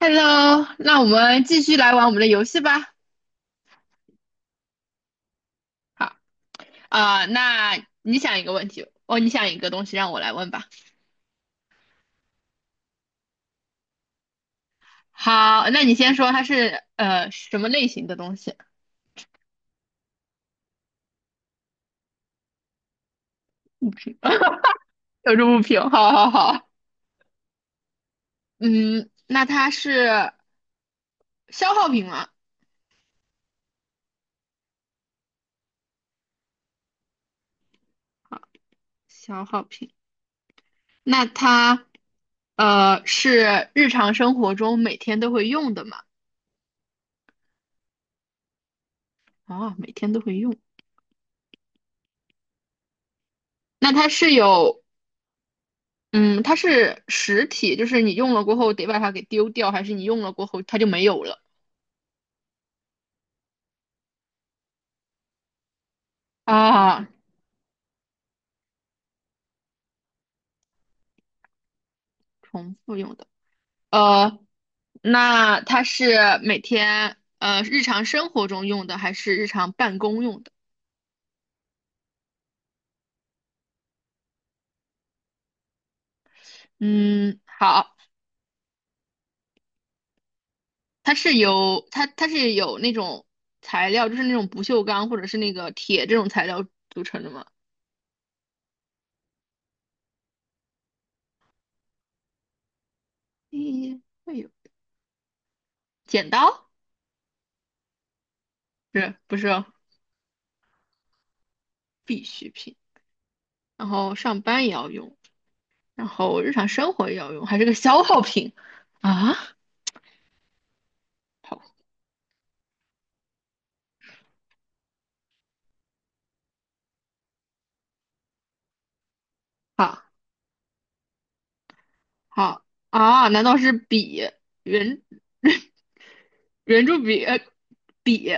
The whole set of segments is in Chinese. Hello，那我们继续来玩我们的游戏吧。好，啊、那你想一个问题，哦，你想一个东西让我来问吧。好，那你先说它是什么类型的东西？有这物品，好好好。嗯，那它是消耗品吗？好，消耗品。那它是日常生活中每天都会用的吗？哦，每天都会用。那它是有嗯，它是实体，就是你用了过后得把它给丢掉，还是你用了过后它就没有了啊？重复用的，呃，那它是每天日常生活中用的，还是日常办公用的？嗯，好，它是有那种材料，就是那种不锈钢或者是那个铁这种材料组成的吗？咦，会有剪刀？不是不是哦，必需品，然后上班也要用。然后日常生活也要用，还是个消耗品啊？好，好，好啊？难道是笔、圆 圆珠笔、笔？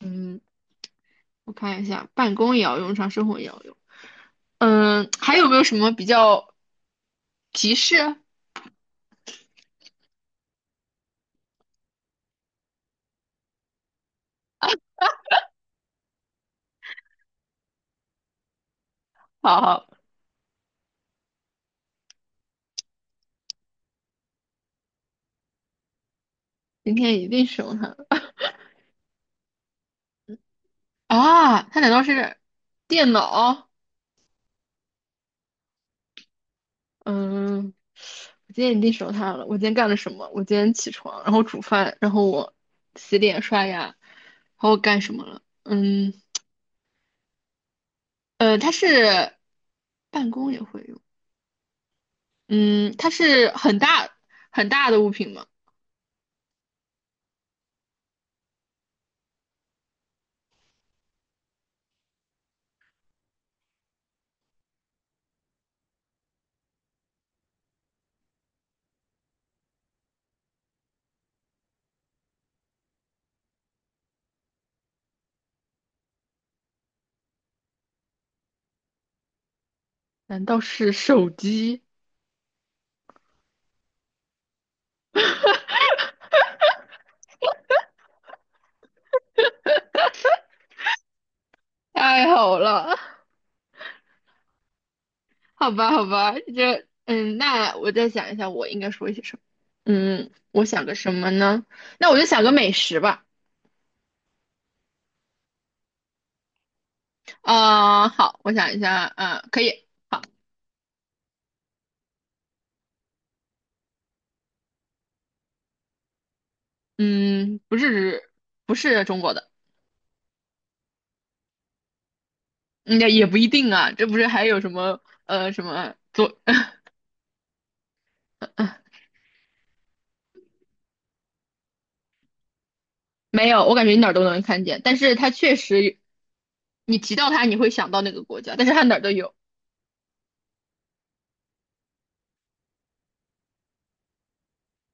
嗯，我看一下，办公也要用上，日常生活也要用。嗯，还有没有什么比较提示？好，今天一定使用它了啊！它难道是电脑？嗯，我今天已经手它了。我今天干了什么？我今天起床，然后煮饭，然后我洗脸刷牙，然后我干什么了？嗯，它是办公也会用。嗯，它是很大很大的物品吗？难道是手机？太好了，好吧，好吧，那我再想一下，我应该说一些什么？嗯，我想个什么呢？那我就想个美食吧。啊、好，我想一下，啊、可以。嗯，不是，不是中国的，应也不一定啊。这不是还有什么左？呃没有，我感觉你哪儿都能看见，但是它确实，你提到它你会想到那个国家，但是它哪儿都有。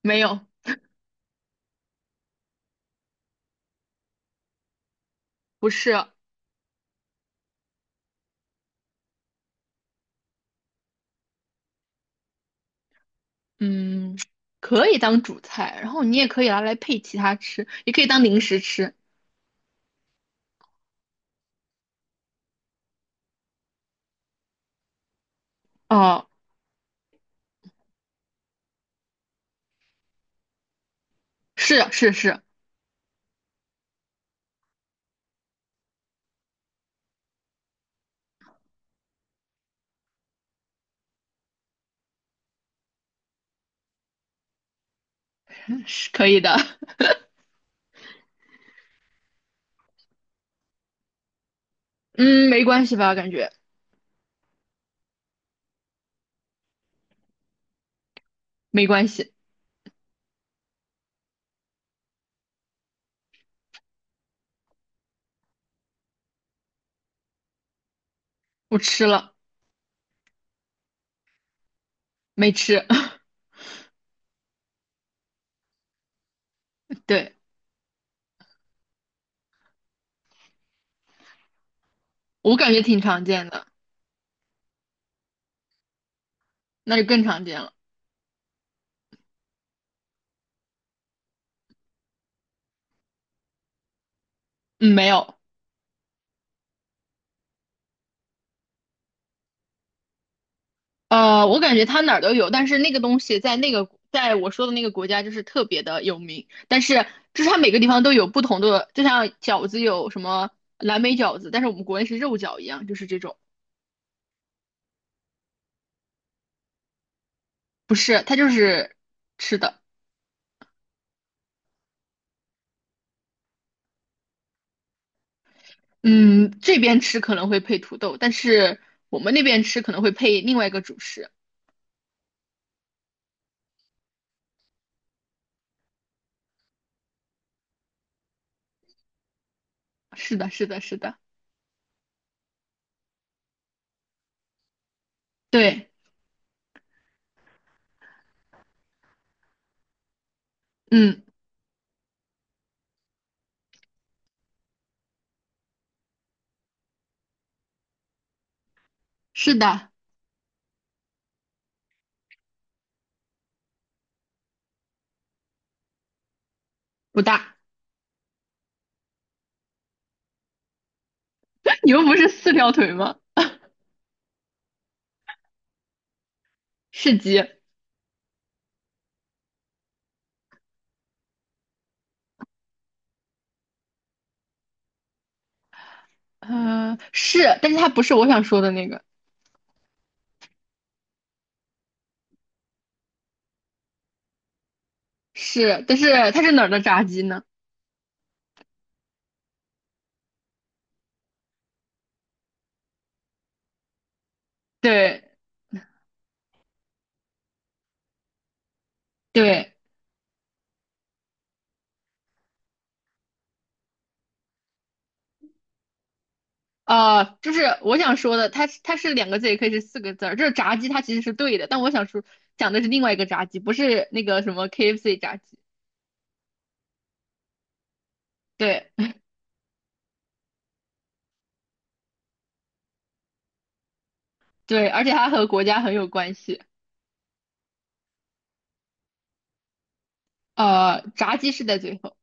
没有，不是，嗯，可以当主菜，然后你也可以拿来配其他吃，也可以当零食吃。哦，是啊是是，是可以的。嗯，没关系吧？感觉没关系，我吃了没吃？对，我感觉挺常见的。那就更常见了。嗯，没有，我感觉它哪儿都有，但是那个东西在那个在我说的那个国家就是特别的有名，但是就是它每个地方都有不同的，就像饺子有什么蓝莓饺子，但是我们国内是肉饺一样，就是这种，不是，它就是吃的。嗯，这边吃可能会配土豆，但是我们那边吃可能会配另外一个主食。是的，是的，是的，对，嗯，是的，不大。你们不是四条腿吗？是鸡。是，但是它不是我想说的那个，是，但是它是哪儿的炸鸡呢？对对，就是我想说的，它是两个字，也可以是四个字儿。就是炸鸡它其实是对的，但我想说讲的是另外一个炸鸡，不是那个什么 KFC 炸鸡。对对，而且它和国家很有关系。炸鸡是在最后。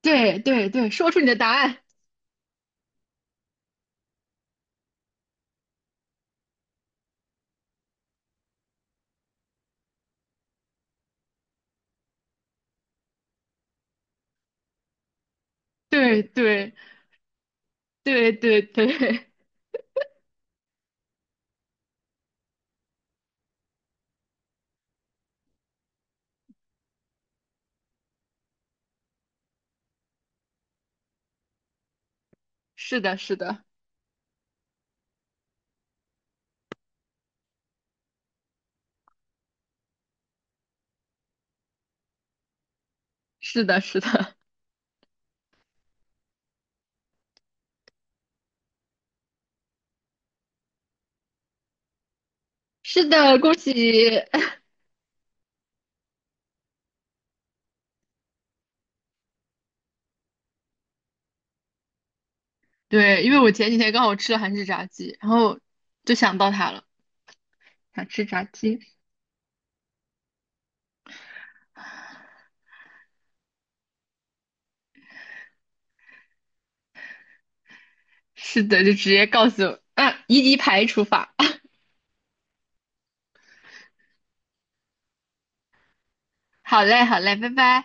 对对对，说出你的答案。对对对对对，是的，是的，是的，是的，是的，恭喜对，因为我前几天刚好吃了韩式炸鸡，然后就想到它了，想吃炸鸡。是的，就直接告诉我，嗯，一级排除法。好嘞，好嘞，拜拜。